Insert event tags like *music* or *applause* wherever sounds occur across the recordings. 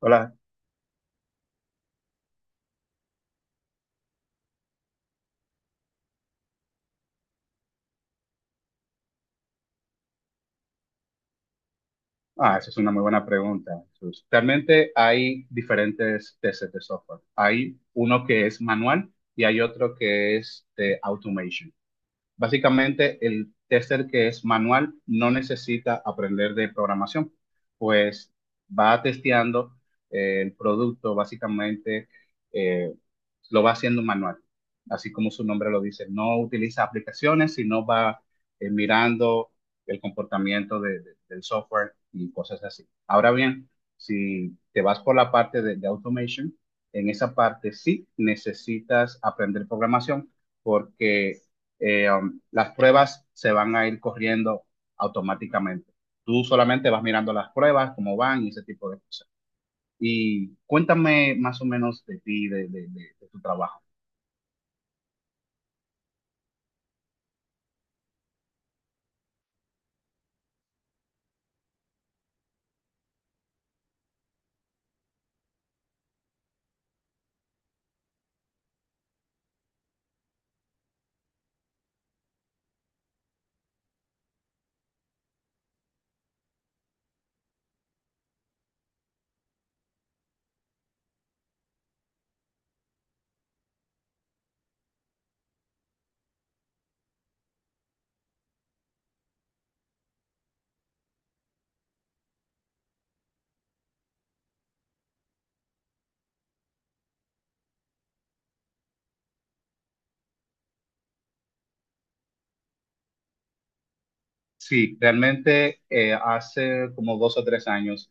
Hola. Ah, esa es una muy buena pregunta, Jesús. Realmente hay diferentes tesis de software. Hay uno que es manual y hay otro que es de automation. Básicamente, el tester que es manual no necesita aprender de programación, pues va testeando el producto, básicamente eh, lo va haciendo manual, así como su nombre lo dice. No utiliza aplicaciones, sino va mirando el comportamiento del software y cosas así. Ahora bien, si te vas por la parte de automation, en esa parte sí necesitas aprender programación porque... eh, um, las pruebas se van a ir corriendo automáticamente. Tú solamente vas mirando las pruebas, cómo van y ese tipo de cosas. Y cuéntame más o menos de ti, de tu trabajo. Sí, realmente hace como dos o tres años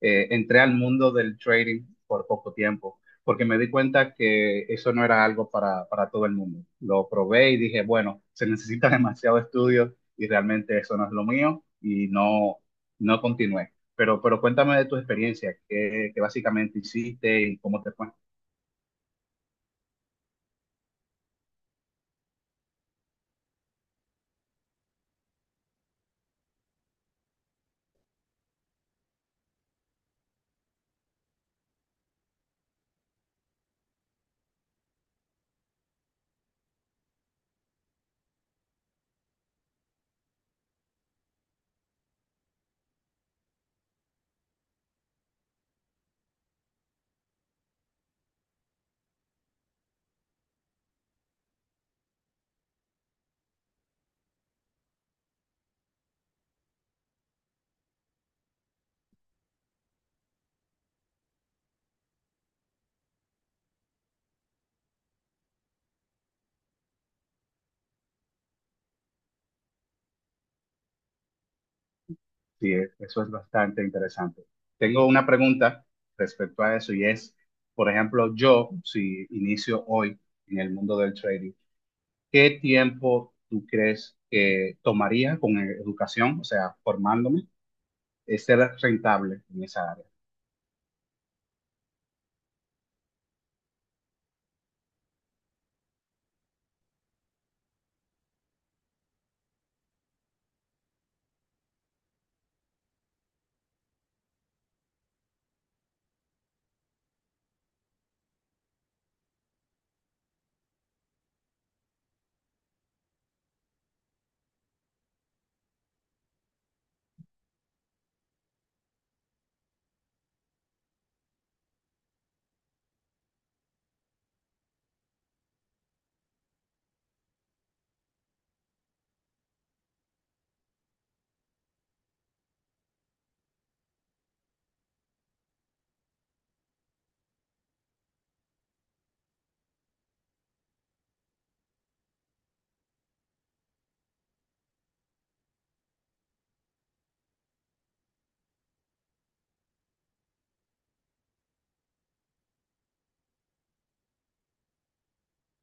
entré al mundo del trading por poco tiempo, porque me di cuenta que eso no era algo para todo el mundo. Lo probé y dije, bueno, se necesita *laughs* demasiado estudio y realmente eso no es lo mío y no continué. Pero cuéntame de tu experiencia, qué básicamente hiciste y cómo te fue. Sí, eso es bastante interesante. Tengo una pregunta respecto a eso y es, por ejemplo, yo si inicio hoy en el mundo del trading, ¿qué tiempo tú crees que tomaría con educación, o sea, formándome, ser rentable en esa área?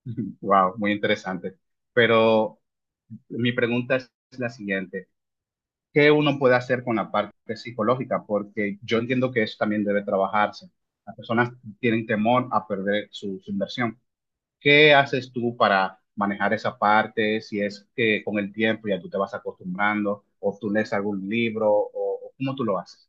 *laughs* Wow, muy interesante. Pero mi pregunta es la siguiente. ¿Qué uno puede hacer con la parte psicológica? Porque yo entiendo que eso también debe trabajarse. Las personas tienen temor a perder su inversión. ¿Qué haces tú para manejar esa parte? Si es que con el tiempo ya tú te vas acostumbrando o tú lees algún libro o cómo tú lo haces.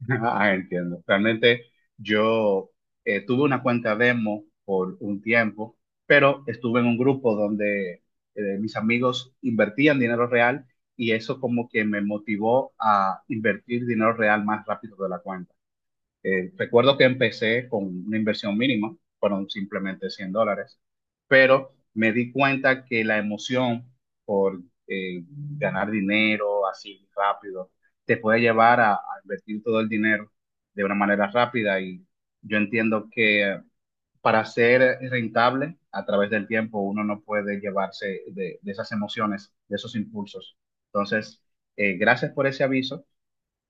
*laughs* Ah, entiendo. Realmente yo tuve una cuenta demo por un tiempo, pero estuve en un grupo donde mis amigos invertían dinero real y eso como que me motivó a invertir dinero real más rápido de la cuenta. Recuerdo que empecé con una inversión mínima, fueron simplemente $100, pero me di cuenta que la emoción por ganar dinero así rápido te puede llevar a invertir todo el dinero de una manera rápida y yo entiendo que para ser rentable a través del tiempo uno no puede llevarse de esas emociones, de esos impulsos. Entonces, gracias por ese aviso.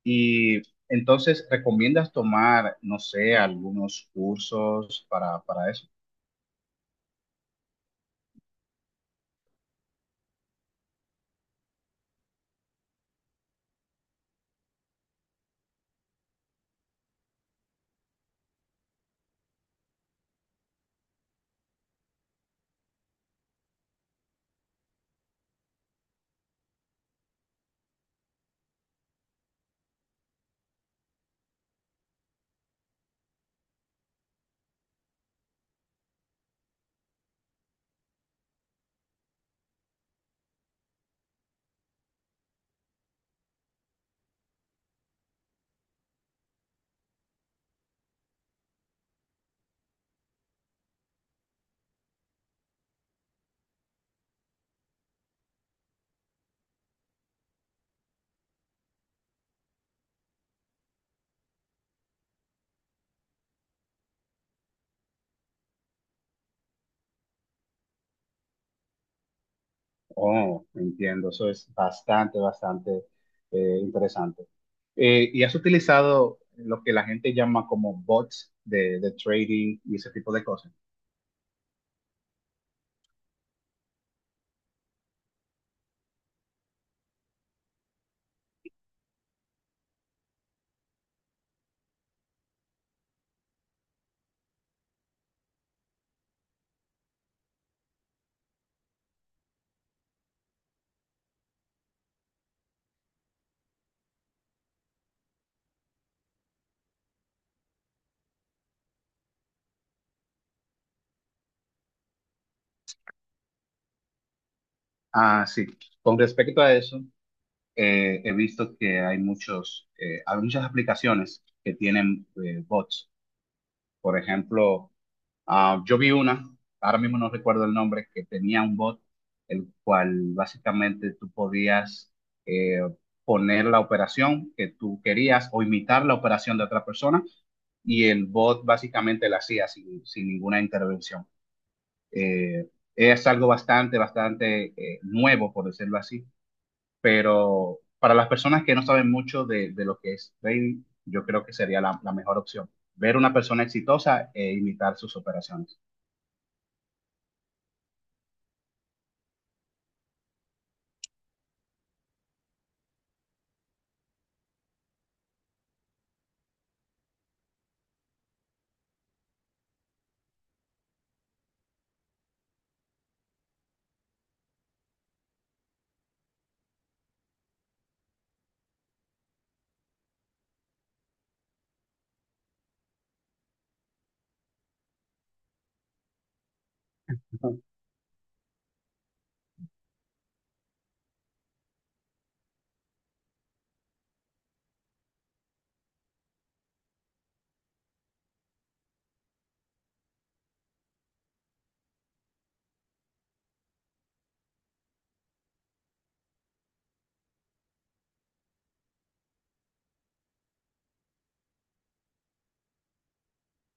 Y entonces, ¿recomiendas tomar, no sé, algunos cursos para eso? Oh, entiendo, eso es bastante, bastante interesante. ¿Y has utilizado lo que la gente llama como bots de trading y ese tipo de cosas? Ah, sí. Con respecto a eso, he visto que hay muchos, hay muchas aplicaciones que tienen bots. Por ejemplo, ah, yo vi una, ahora mismo no recuerdo el nombre, que tenía un bot, el cual básicamente tú podías eh, poner la operación que tú querías o imitar la operación de otra persona y el bot básicamente la hacía sin, sin ninguna intervención. Eh, es algo bastante, bastante nuevo, por decirlo así, pero para las personas que no saben mucho de lo que es trading, yo creo que sería la mejor opción, ver una persona exitosa e imitar sus operaciones.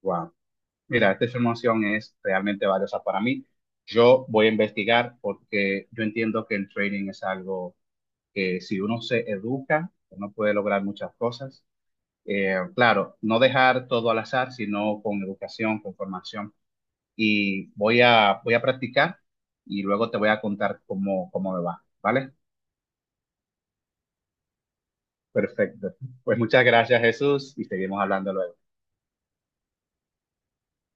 Wow. Mira, esta información es realmente valiosa para mí. Yo voy a investigar porque yo entiendo que el trading es algo que si uno se educa, uno puede lograr muchas cosas. Claro, no dejar todo al azar, sino con educación, con formación. Y voy voy a practicar y luego te voy a contar cómo, cómo me va, ¿vale? Perfecto. Pues muchas gracias, Jesús, y seguimos hablando luego.